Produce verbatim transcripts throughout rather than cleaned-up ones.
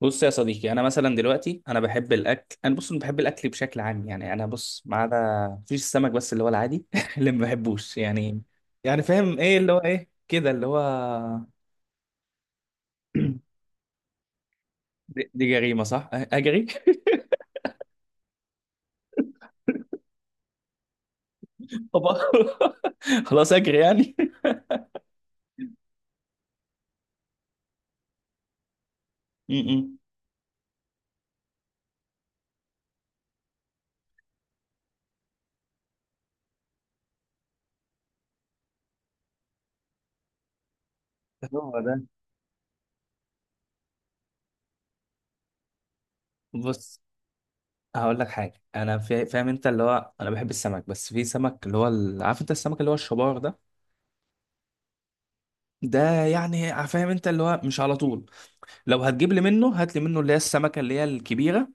بص يا صديقي، انا مثلا دلوقتي انا بحب الاكل انا بص أنا بحب الاكل بشكل عام. يعني انا بص، ما عدا مفيش السمك، بس اللي هو العادي اللي ما بحبوش. يعني يعني فاهم ايه اللي هو ايه كده اللي هو؟ دي, دي جريمه صح. أ- اجري. طب. خلاص اجري يعني. م-م. هو ده. بص هقول لك حاجه، انا فا- فاهم انت، اللي هو انا بحب السمك، بس في سمك اللي هو ال- عارف انت السمك اللي هو الشبار ده؟ ده يعني فاهم انت اللي هو مش على طول. لو هتجيب لي منه، هات لي منه اللي هي السمكه اللي هي الكبيره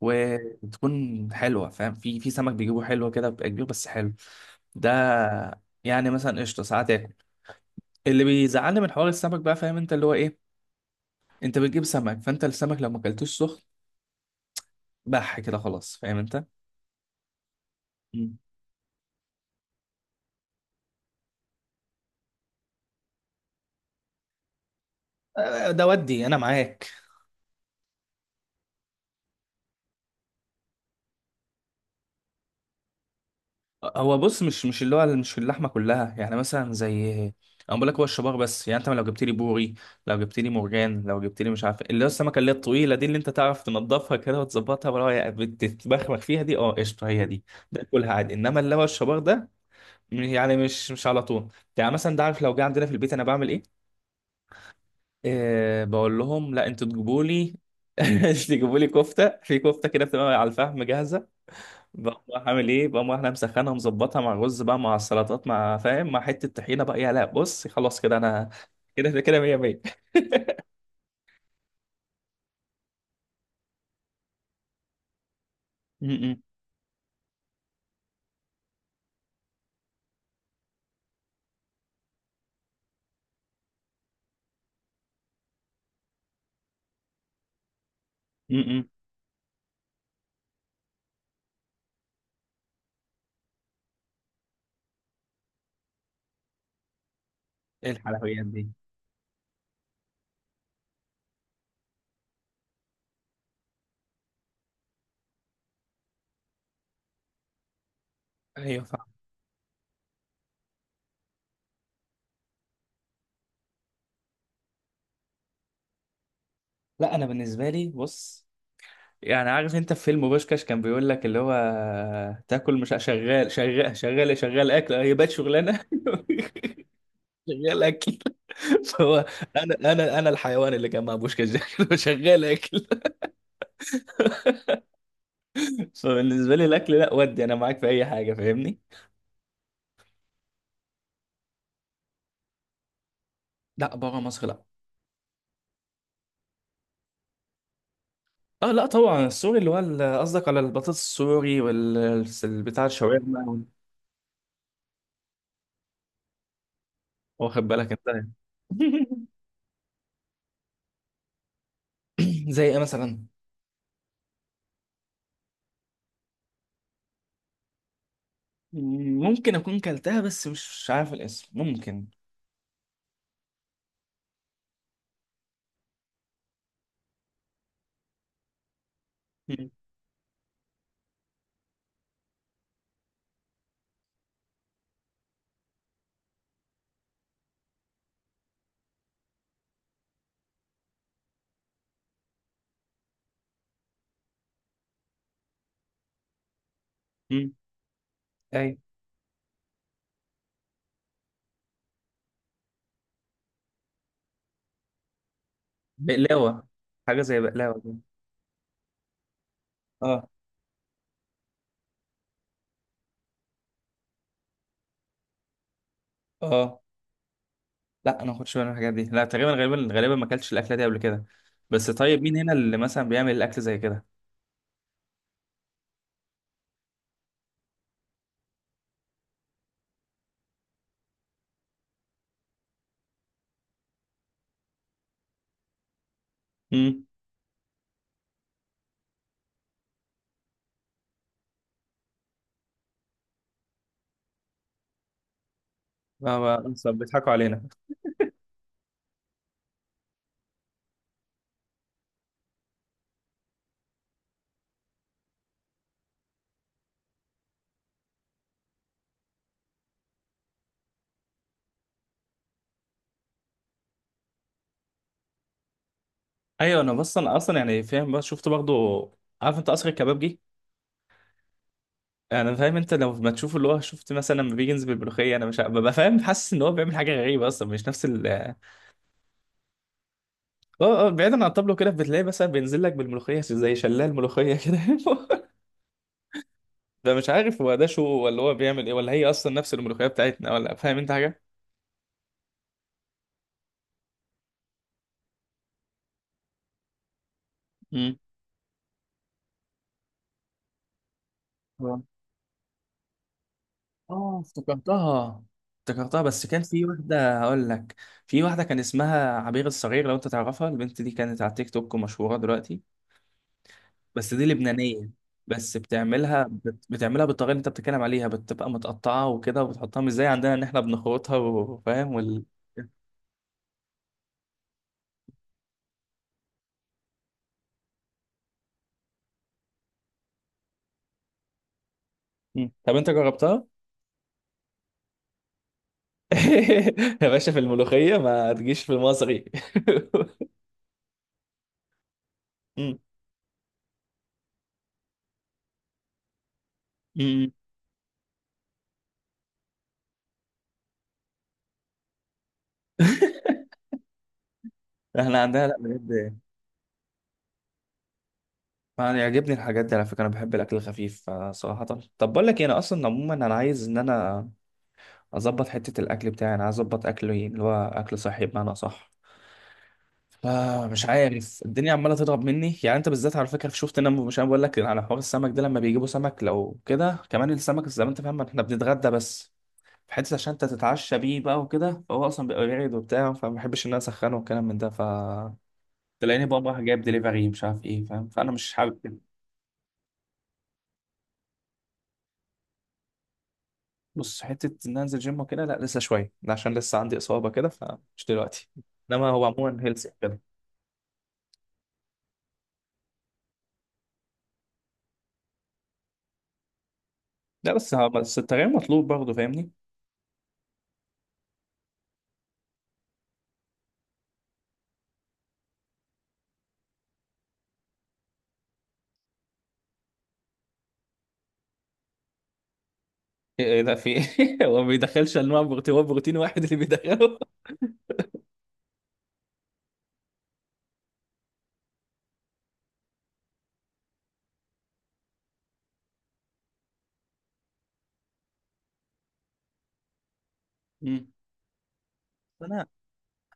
وتكون حلوه. فاهم؟ في في سمك بيجيبوه حلو كده، بيبقى كبير بس حلو. ده يعني مثلا قشطه ساعات اكل. اللي بيزعلني من حوار السمك بقى، فاهم انت اللي هو ايه، انت بتجيب سمك، فانت السمك لو ما اكلتوش سخن بح كده، خلاص. فاهم انت؟ مم. آه، ده ودي انا معاك. هو بص، مش مش اللي هو مش اللحمه كلها، يعني مثلا زي، انا بقول لك هو الشبار بس. يعني انت لو جبت لي بوري، لو جبت لي مرجان، لو جبت لي مش عارف اللي هو السمكه اللي هي الطويله دي، اللي انت تعرف تنضفها كده وتظبطها، ولا هي بتتبخبخ فيها دي، اه قشطه هي دي. ده كلها عادي، انما اللي هو الشبار ده، م- يعني مش مش على طول. يعني مثلا ده، عارف لو جه عندنا في البيت انا بعمل ايه؟ أه، بقول لهم لا، انتوا تجيبوا لي تجيبوا لي كفته، في كفته كده بتبقى على الفحم جاهزه، بقوم رايح عامل ايه، بقوم رايح انا مسخنها مظبطها مع الرز بقى، مع السلطات، مع فاهم، مع حته طحينه بقى، يا لا بص خلاص كده انا كده كده ميه ميه. امم. امم. ايه الحلويات دي؟ ايوه فاهم. لا انا بالنسبه لي بص، يعني عارف انت في فيلم بوشكاش كان بيقول لك اللي هو، تاكل مش شغال، شغال شغال شغال اكل، هي بقت شغلانه. شغال اكل. فهو، انا انا انا الحيوان اللي كان مع بوشكاش ده. شغال اكل. فبالنسبه لي الاكل لا، ودي انا معاك في اي حاجه فاهمني. لا بره مصر لا. اه لا طبعا السوري اللي هو ال- قصدك على البطاطس السوري، وال ال- بتاع الشاورما وال- واخد بالك انت؟ يعني. زي ايه مثلا؟ ممكن اكون كلتها بس مش عارف الاسم، ممكن. مم. مم. اي. بقلاوه، حاجه زي بقلاوه كده. اه اه. لا انا ما كنتش بعمل الحاجات دي، لا تقريبا، غالبا غالبا ما اكلتش الاكله دي قبل كده. بس طيب مين هنا اللي مثلا بيعمل الاكل زي كده؟ امم. بيضحكوا علينا. ايوه انا، بس انا اصلا يعني فاهم، بس شفت برضه، عارف انت قصر الكبابجي؟ انا فاهم انت، لو ما تشوف اللي هو، شفت مثلا لما بيجي ينزل بالملوخيه، انا مش ه- ببقى فاهم حاسس ان هو بيعمل حاجه غريبه اصلا، مش نفس ال، اه اه، بعيدا عن الطبلو كده بتلاقي مثلا بينزل لك بالملوخيه زي شلال ملوخيه كده. ده مش عارف هو ده شو، ولا هو بيعمل ايه، ولا هي اصلا نفس الملوخيه بتاعتنا، ولا فاهم انت حاجه؟ امم. آه. اه افتكرتها. افتكرتها، بس كان في واحدة هقول لك، في واحدة كان اسمها عبير الصغير، لو انت تعرفها البنت دي، كانت على تيك توك ومشهورة دلوقتي. بس دي لبنانية. بس بتعملها بت... بتعملها بالطريقة اللي انت بتتكلم عليها، بتبقى متقطعة وكده، وبتحطها مش زي عندنا ان احنا بنخرطها وفاهم وال... مم. طب انت جربتها؟ يا باشا، في الملوخية ما تجيش في المصري. مم. مم. احنا عندنا لا بجد. انا يعجبني الحاجات دي على فكره، انا بحب الاكل الخفيف آه، صراحه. طب بقول لك إيه، انا اصلا عموما انا عايز ان انا اظبط حته الاكل بتاعي، انا عايز اظبط اكلي اللي هو اكل صحي بمعنى صح. آه مش عارف الدنيا عماله تضرب مني. يعني انت بالذات على فكره شفت، انا مش، انا بقول لك على حوار السمك ده، لما بيجيبوا سمك لو كده كمان، السمك زي ما انت فاهم، احنا بنتغدى بس في حته عشان انت تتعشى بيه بقى وكده، فهو اصلا بيبقى بارد وبتاع، فما بحبش ان انا اسخنه والكلام من ده، ف تلاقيني بقى رايح جايب دليفري مش عارف ايه، فاهم؟ فانا مش حابب كده. بص حته ان أنا انزل جيم وكده لا، لسه شويه ده، عشان لسه عندي اصابه كده فمش دلوقتي، انما هو عموما هيلث كده. لا بس بس التغيير مطلوب برضه، فاهمني؟ ايه إيه ده في ايه هو ما بيدخلش انواع بروتين؟ هو بروتين واحد اللي بيدخله؟ مم. انا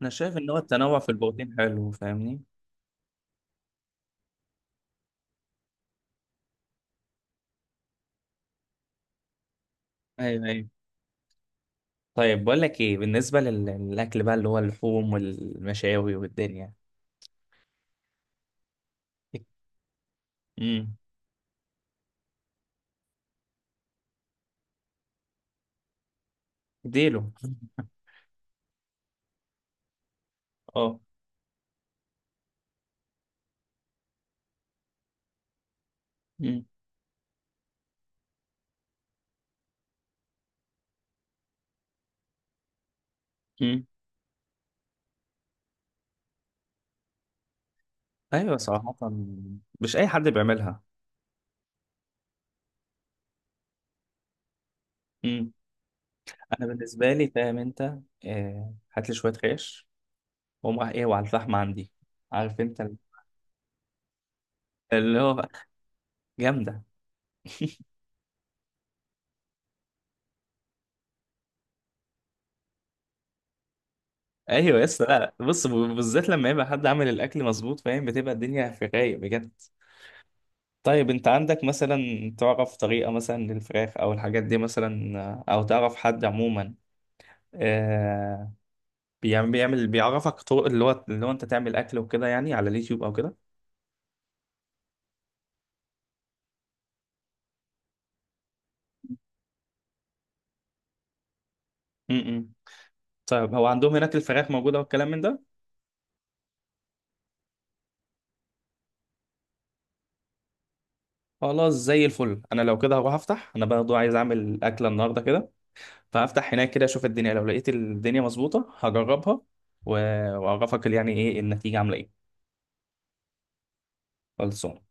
انا شايف ان هو التنوع في البروتين حلو، فاهمني؟ ايوه ايوه. طيب بقول لك ايه، بالنسبه لل- للاكل بقى اللي هو اللحوم والمشاوي والدنيا. مم. اديله. اه. مم. مم. ايوه صراحه. مش اي حد بيعملها. مم. انا بالنسبه لي فاهم انت، آه، هات لي شويه خيش، واقوم رايح ايه وعلى الفحم عندي، عارف انت اللي هو جامده. ايوه يس. لا لا. بص، ب- بالذات لما يبقى حد عامل الاكل مظبوط، فاهم بتبقى الدنيا في الرايق بجد. طيب انت عندك مثلا تعرف طريقه مثلا للفراخ او الحاجات دي مثلا، او تعرف حد عموما آه بيعمل، بيعمل، بيعرفك طرق اللي هو اللي هو انت تعمل اكل وكده، يعني على اليوتيوب او كده؟ امم. طيب هو عندهم هناك الفراخ موجوده والكلام من ده؟ خلاص زي الفل. انا لو كده هروح افتح، انا برضه عايز اعمل اكله النهارده كده، فهفتح هناك كده اشوف الدنيا، لو لقيت الدنيا مظبوطه هجربها و- واعرفك يعني ايه النتيجه عامله ايه. خلصان.